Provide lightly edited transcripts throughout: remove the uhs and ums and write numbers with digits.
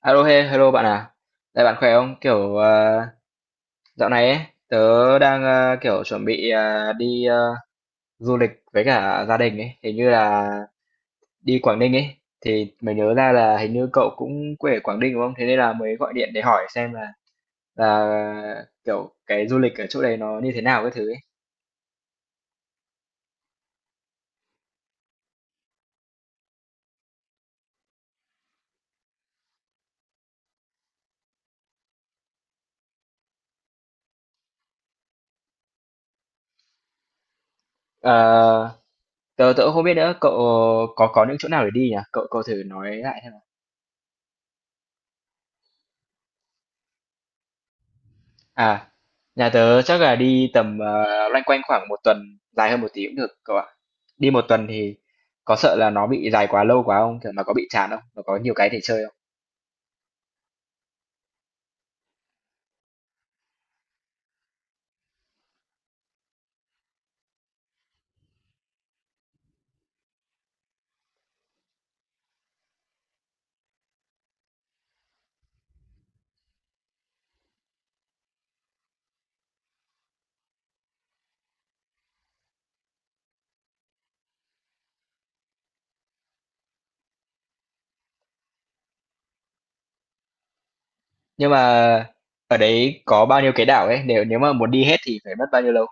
Alo, he, hello bạn à. Đây bạn khỏe không? Dạo này ấy, tớ đang kiểu chuẩn bị đi du lịch với cả gia đình ấy, hình như là đi Quảng Ninh ấy. Thì mới nhớ ra là hình như cậu cũng quê ở Quảng Ninh đúng không? Thế nên là mới gọi điện để hỏi xem là kiểu cái du lịch ở chỗ đấy nó như thế nào cái thứ ấy. Ờ, tớ tớ cũng không biết nữa, cậu có những chỗ nào để đi nhỉ? Cậu cậu thử nói lại xem. À, nhà tớ chắc là đi tầm loanh quanh khoảng một tuần, dài hơn một tí cũng được cậu ạ. Đi một tuần thì có sợ là nó bị dài quá lâu quá không? Kiểu mà có bị chán không? Nó có nhiều cái để chơi không? Nhưng mà ở đấy có bao nhiêu cái đảo ấy? Nếu nếu mà muốn đi hết thì phải mất bao nhiêu lâu?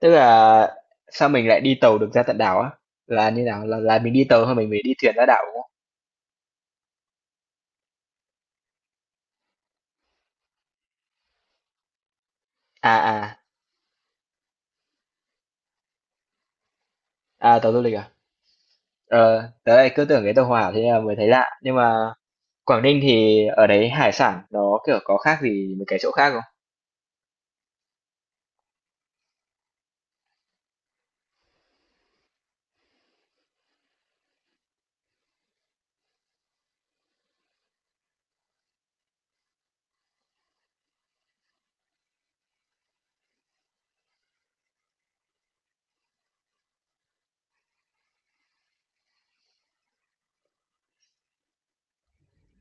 Tức là sao mình lại đi tàu được ra tận đảo á? Là như nào? Là mình đi tàu hay mình phải đi thuyền ra đảo đúng không? À à, à tàu du lịch à? Ờ, tớ lại cứ tưởng cái tàu hỏa thế là mới thấy lạ. Nhưng mà Quảng Ninh thì ở đấy hải sản nó, kiểu, có khác gì mấy cái chỗ khác không?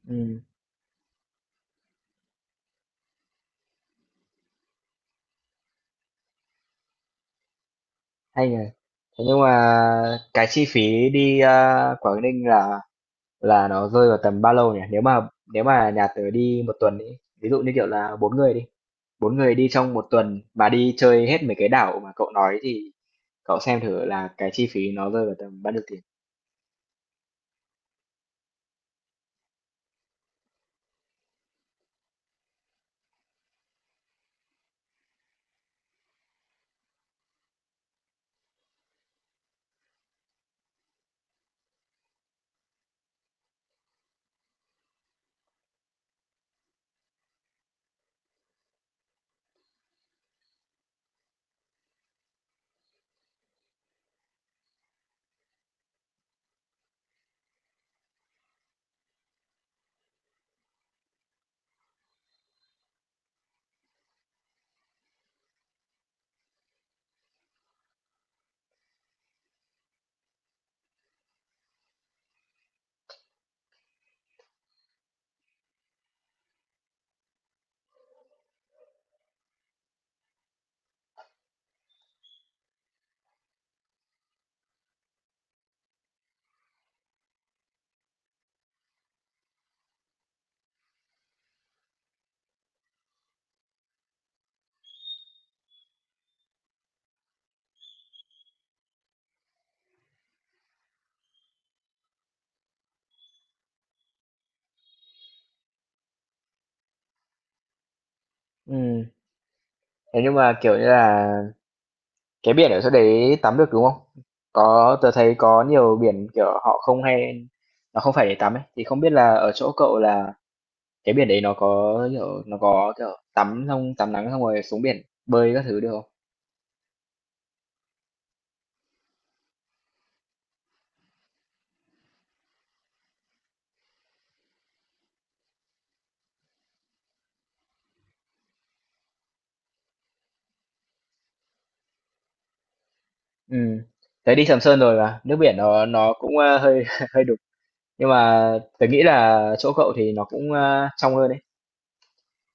Ừm, hay nhỉ. Thế nhưng mà cái chi phí đi, a, Quảng Ninh là nó rơi vào tầm bao lâu nhỉ? Nếu mà nhà tớ đi một tuần ấy, ví dụ như, kiểu là, 4 người đi trong một tuần mà đi chơi hết mấy cái đảo mà cậu nói thì cậu xem thử là cái chi phí nó rơi vào tầm bao nhiêu tiền. Ừ, thế nhưng mà, kiểu như là cái biển ở chỗ đấy tắm được, đúng không? Có tớ thấy có nhiều biển, kiểu, họ không hay nó không phải để tắm ấy, thì không biết là ở chỗ cậu là cái biển đấy nó có, kiểu, tắm xong tắm nắng xong rồi xuống biển bơi các thứ được không? Ừ, tớ đi Sầm Sơn rồi mà, nước biển nó cũng, a, hơi hơi đục, nhưng mà tớ nghĩ là chỗ cậu thì nó cũng, a, trong hơn đấy.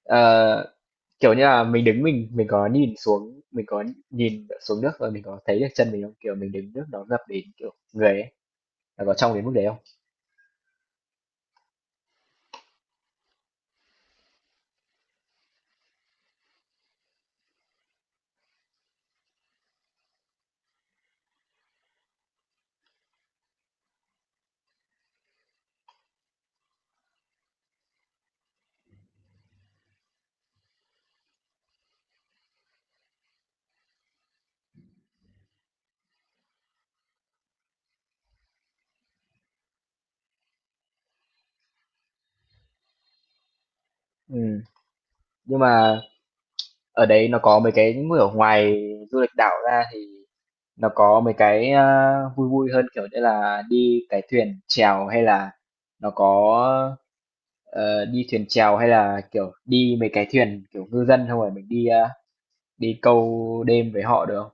Ờ, kiểu như là, mình đứng mình có nhìn xuống, mình có nhìn xuống nước và mình có thấy được chân mình không? Kiểu, mình đứng nước nó ngập đến, kiểu, người ấy. Là có trong đến mức đấy không? Ừ, nhưng mà ở đấy nó có mấy cái như ở ngoài du lịch đảo ra thì nó có mấy cái, a, vui vui hơn, kiểu như là, đi cái thuyền chèo hay là nó có, đi thuyền chèo hay là, kiểu, đi mấy cái thuyền, kiểu, ngư dân không rồi mình đi, a, đi câu đêm với họ được không?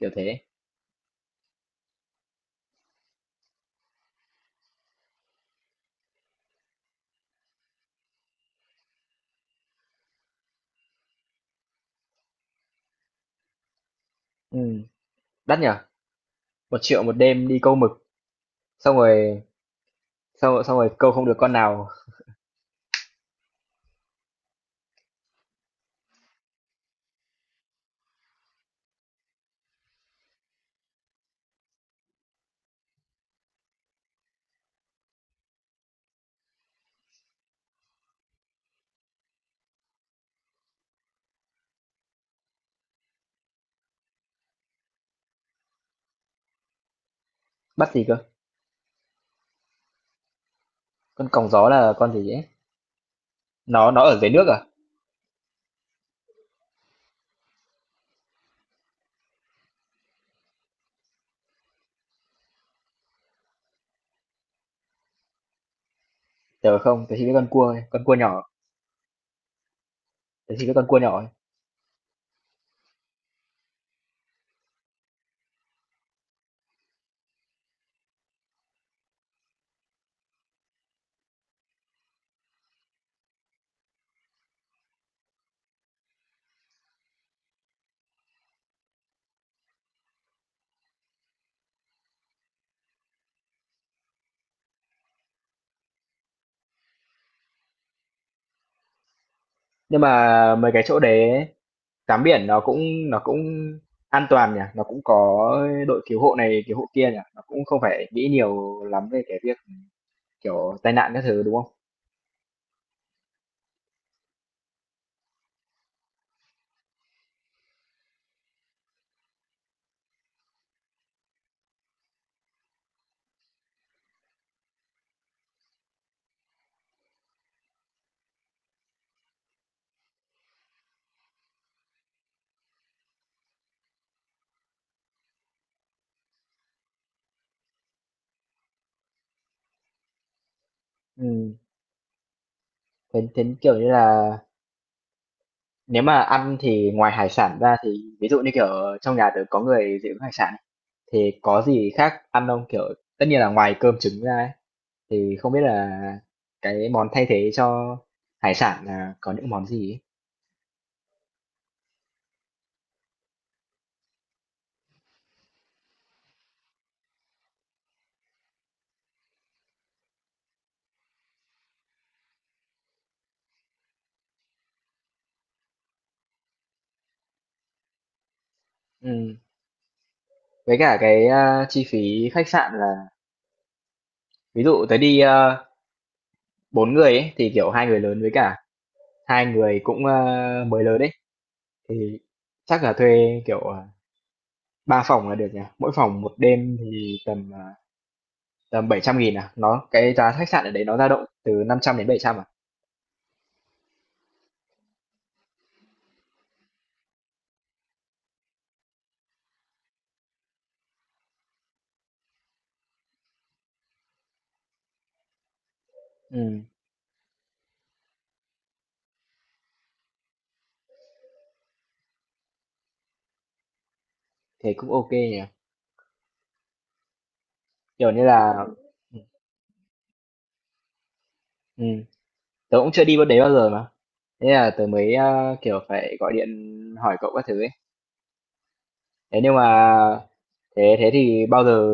Kiểu thế. Ừ, đắt nhở? 1.000.000 một đêm đi câu mực, xong rồi xong rồi câu không được con nào. Bắt gì cơ? Con còng gió là con gì ấy? Nó ở dưới nước à? Tớ không, tớ chỉ biết con cua thôi, con cua nhỏ, tớ chỉ biết con cua nhỏ thôi. Nhưng mà mấy cái chỗ đấy ấy, tắm biển nó cũng an toàn nhỉ, nó cũng có đội cứu hộ này cứu hộ kia nhỉ, nó cũng không phải nghĩ nhiều lắm về cái việc kiểu tai nạn các thứ đúng không? Ừ. Thế kiểu như là nếu mà ăn thì ngoài hải sản ra thì ví dụ như kiểu trong nhà tớ có người dị ứng hải sản ấy, thì có gì khác ăn không? Kiểu tất nhiên là ngoài cơm trứng ra ấy, thì không biết là cái món thay thế cho hải sản là có những món gì ấy? Ừm, với cả cái, a, chi phí khách sạn là ví dụ tới đi, ơ, 4 người ấy, thì, kiểu, 2 người lớn với cả 2 người cũng, ơ, mới lớn ấy, thì chắc là thuê, kiểu, à, 3 phòng là được nhỉ? Mỗi phòng một đêm thì tầm, à, tầm 700.000 à? Nó cái giá khách sạn ở đấy nó dao động từ năm trăm đến bảy trăm à? Ừm, thế cũng ok nhỉ? Kiểu như là ừm, tớ cũng chưa đi bên đấy bao giờ mà. Thế là tớ mới kiểu phải gọi điện hỏi cậu các thứ ấy. Thế nhưng mà thế thế thì bao giờ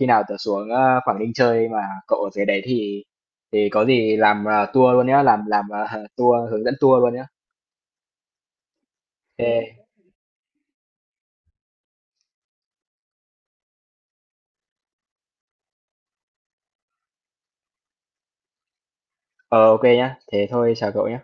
khi nào tớ xuống Quảng Ninh chơi mà cậu ở dưới đấy thì có gì làm tour luôn nhá, làm tour hướng dẫn tour luôn nhá. Ok, ờ ok nhá. Thế thôi chào cậu nhá.